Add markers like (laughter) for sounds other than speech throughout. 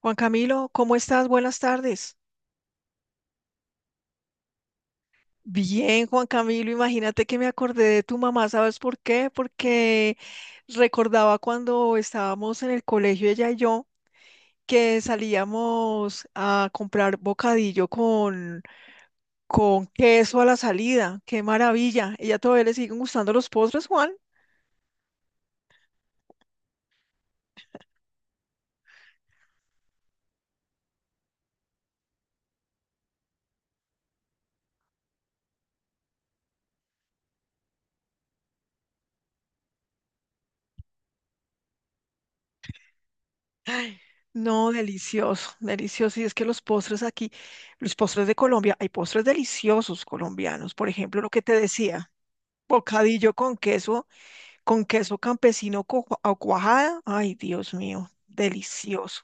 Juan Camilo, ¿cómo estás? Buenas tardes. Bien, Juan Camilo, imagínate que me acordé de tu mamá, ¿sabes por qué? Porque recordaba cuando estábamos en el colegio, ella y yo, que salíamos a comprar bocadillo con queso a la salida. ¡Qué maravilla! ¿Ella todavía le siguen gustando los postres, Juan? Ay, no, delicioso, delicioso. Y es que los postres aquí, los postres de Colombia, hay postres deliciosos colombianos. Por ejemplo, lo que te decía. Bocadillo con queso campesino o cuajada. Ay, Dios mío, delicioso.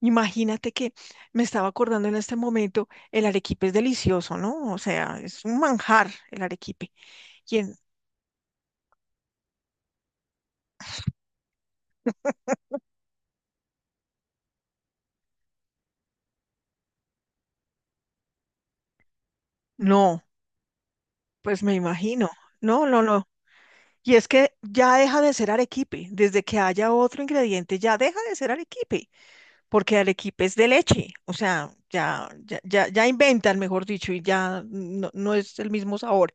Imagínate que me estaba acordando en este momento, el arequipe es delicioso, ¿no? O sea, es un manjar el arequipe. ¿Quién? No, pues me imagino. No, no, no. Y es que ya deja de ser arequipe. Desde que haya otro ingrediente, ya deja de ser arequipe, porque arequipe es de leche. O sea, ya inventan, mejor dicho, y ya no es el mismo sabor.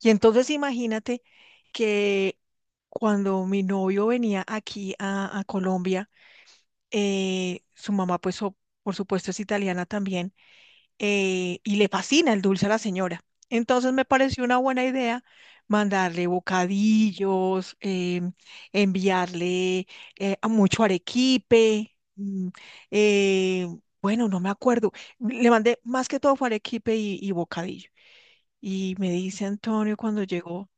Y entonces imagínate que cuando mi novio venía aquí a Colombia, su mamá, por supuesto es italiana también, y le fascina el dulce a la señora. Entonces me pareció una buena idea mandarle bocadillos, enviarle a mucho arequipe. Eh, bueno, no me acuerdo. Le mandé más que todo fue arequipe y bocadillo. Y me dice Antonio cuando llegó.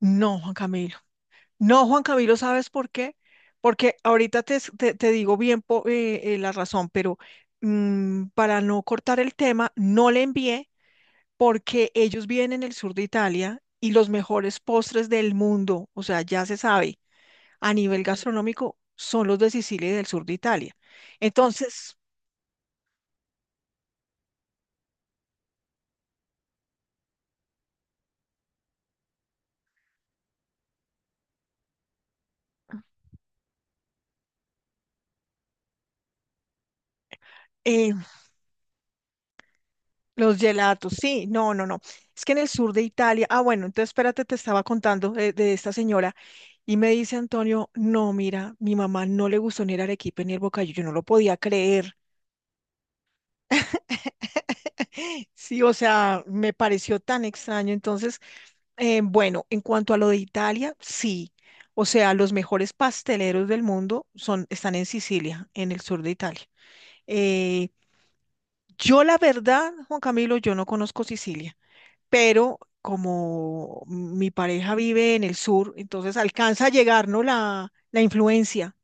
No, Juan Camilo. No, Juan Camilo, ¿sabes por qué? Porque ahorita te digo bien la razón, pero para no cortar el tema, no le envié porque ellos viven en el sur de Italia y los mejores postres del mundo, o sea, ya se sabe, a nivel gastronómico, son los de Sicilia y del sur de Italia. Entonces, eh, los gelatos, sí, no, no, no. Es que en el sur de Italia, ah, bueno, entonces espérate, te estaba contando de esta señora. Y me dice Antonio, no, mira, mi mamá no le gustó ni el arequipe ni el bocadillo, yo no lo podía creer. (laughs) Sí, o sea, me pareció tan extraño. Entonces, bueno, en cuanto a lo de Italia, sí. O sea, los mejores pasteleros del mundo son, están en Sicilia, en el sur de Italia. Eh, yo, la verdad, Juan Camilo, yo no conozco Sicilia, pero como mi pareja vive en el sur, entonces alcanza a llegar, ¿no? La influencia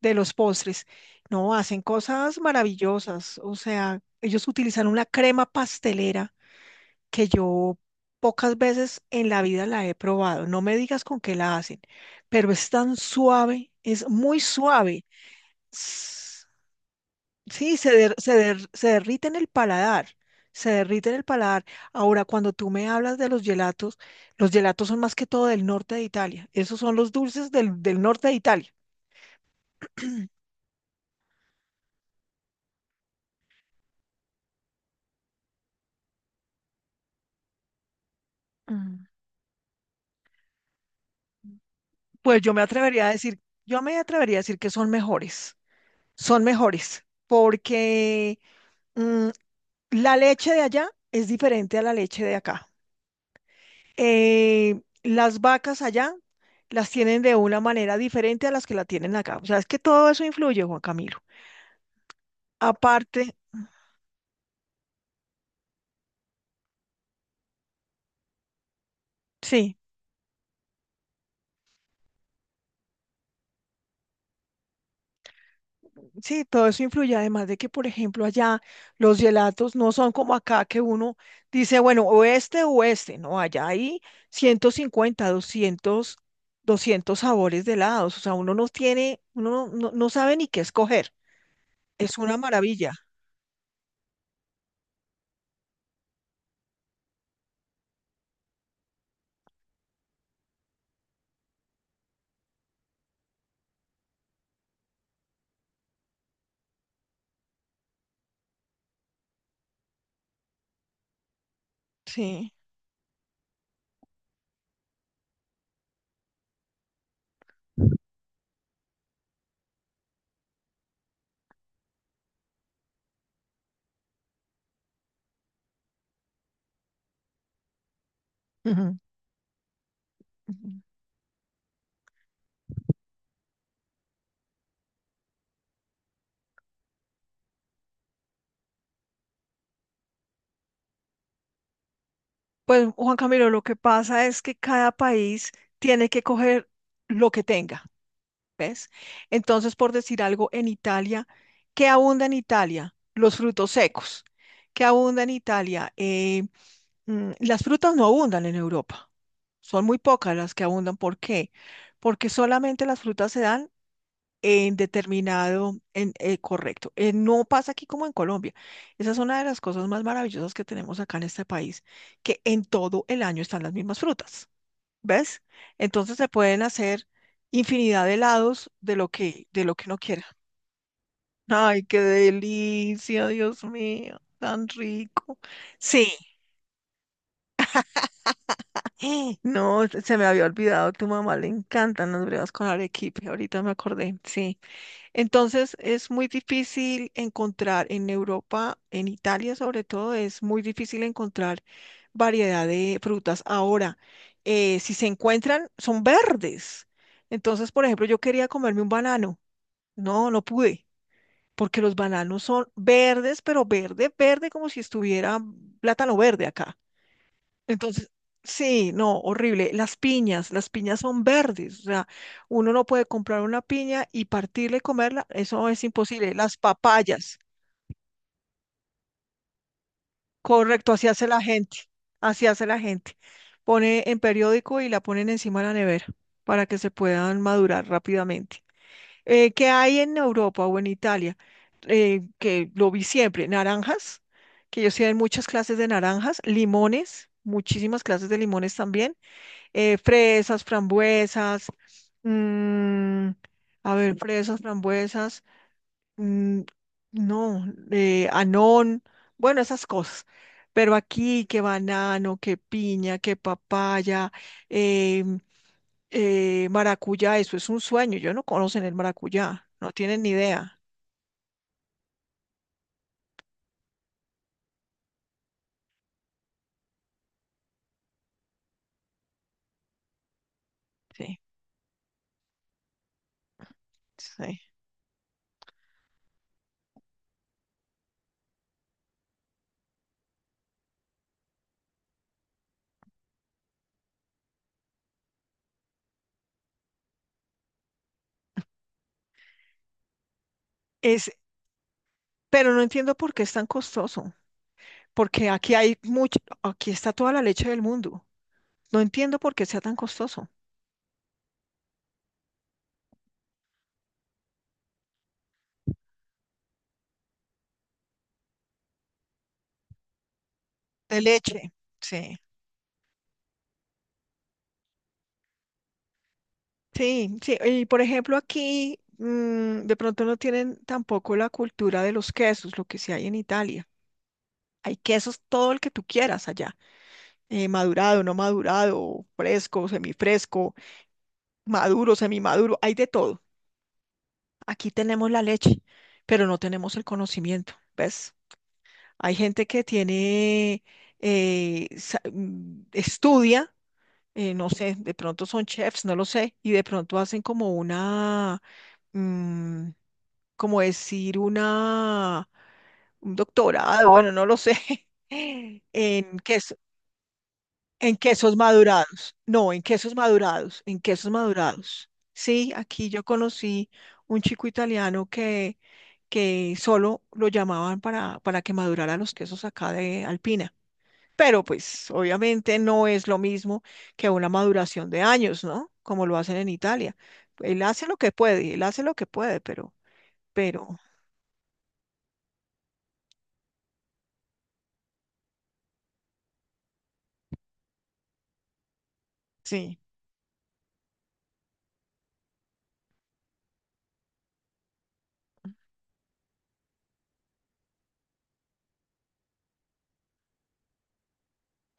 de los postres. No, hacen cosas maravillosas. O sea, ellos utilizan una crema pastelera que yo pocas veces en la vida la he probado. No me digas con qué la hacen, pero es tan suave, es muy suave. S- Sí, se derrite en el paladar. Se derrite en el paladar. Ahora, cuando tú me hablas de los gelatos son más que todo del norte de Italia. Esos son los dulces del, del norte de Italia. Pues yo me atrevería a decir, yo me atrevería a decir que son mejores, porque mm, la leche de allá es diferente a la leche de acá. Las vacas allá las tienen de una manera diferente a las que la tienen acá. O sea, es que todo eso influye, Juan Camilo. Aparte, sí. Sí, todo eso influye, además de que, por ejemplo, allá los gelatos no son como acá, que uno dice, bueno, o este o este. No, allá hay 150, 200, 200 sabores de helados, o sea, uno no tiene, uno no sabe ni qué escoger, es una maravilla. Sí. Ujú, ujú. Pues Juan Camilo, lo que pasa es que cada país tiene que coger lo que tenga, ¿ves? Entonces, por decir algo, en Italia, ¿qué abunda en Italia? Los frutos secos. ¿Qué abunda en Italia? Las frutas no abundan en Europa. Son muy pocas las que abundan. ¿Por qué? Porque solamente las frutas se dan en determinado, correcto. No pasa aquí como en Colombia. Esa es una de las cosas más maravillosas que tenemos acá en este país, que en todo el año están las mismas frutas, ¿ves? Entonces se pueden hacer infinidad de helados de lo que uno quiera. (laughs) Ay, qué delicia, Dios mío, tan rico. Sí, (gasps) ¡Eh! No, se me había olvidado, tu mamá le encantan las brevas con arequipe, ahorita me acordé, sí. Entonces es muy difícil encontrar en Europa, en Italia sobre todo, es muy difícil encontrar variedad de frutas. Ahora, si se encuentran, son verdes. Entonces, por ejemplo, yo quería comerme un banano. No, no pude, porque los bananos son verdes, pero verde, verde, como si estuviera plátano verde acá. Entonces, sí, no, horrible. Las piñas son verdes, o sea, uno no puede comprar una piña y partirla y comerla, eso es imposible. Las papayas, correcto, así hace la gente, así hace la gente. Pone en periódico y la ponen encima de la nevera para que se puedan madurar rápidamente. ¿Qué hay en Europa o en Italia? Que lo vi siempre, naranjas, que ellos tienen muchas clases de naranjas, limones, muchísimas clases de limones también, fresas, frambuesas, mm, a ver, fresas, frambuesas, mm, no, anón, bueno, esas cosas. Pero aquí que banano, que piña, que papaya, eh, maracuyá, eso es un sueño. Yo no conocen el maracuyá, no tienen ni idea. Sí, sí. Es, pero no entiendo por qué es tan costoso, porque aquí hay mucho, aquí está toda la leche del mundo. No entiendo por qué sea tan costoso. De leche, sí. Sí, sí. Y por ejemplo, aquí de pronto no tienen tampoco la cultura de los quesos, lo que sí hay en Italia. Hay quesos todo el que tú quieras allá. Madurado, no madurado, fresco, semifresco, maduro, semimaduro, hay de todo. Aquí tenemos la leche, pero no tenemos el conocimiento, ¿ves? Hay gente que tiene, estudia, no sé, de pronto son chefs, no lo sé, y de pronto hacen como una, mm, como decir, una, un doctorado, bueno, no lo sé, (laughs) en que. En quesos madurados. No, en quesos madurados. En quesos madurados. Sí, aquí yo conocí un chico italiano que solo lo llamaban para que madurara los quesos acá de Alpina. Pero pues obviamente no es lo mismo que una maduración de años, ¿no? Como lo hacen en Italia. Él hace lo que puede, él hace lo que puede, pero, sí,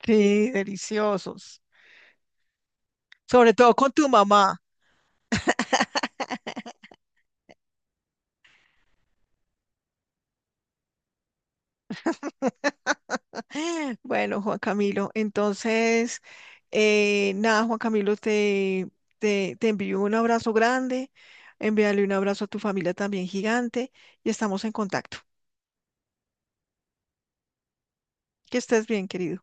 sí, deliciosos. Sobre todo con tu mamá. Bueno, Juan Camilo, entonces, nada, Juan Camilo, te envío un abrazo grande, envíale un abrazo a tu familia también gigante y estamos en contacto. Que estés bien, querido.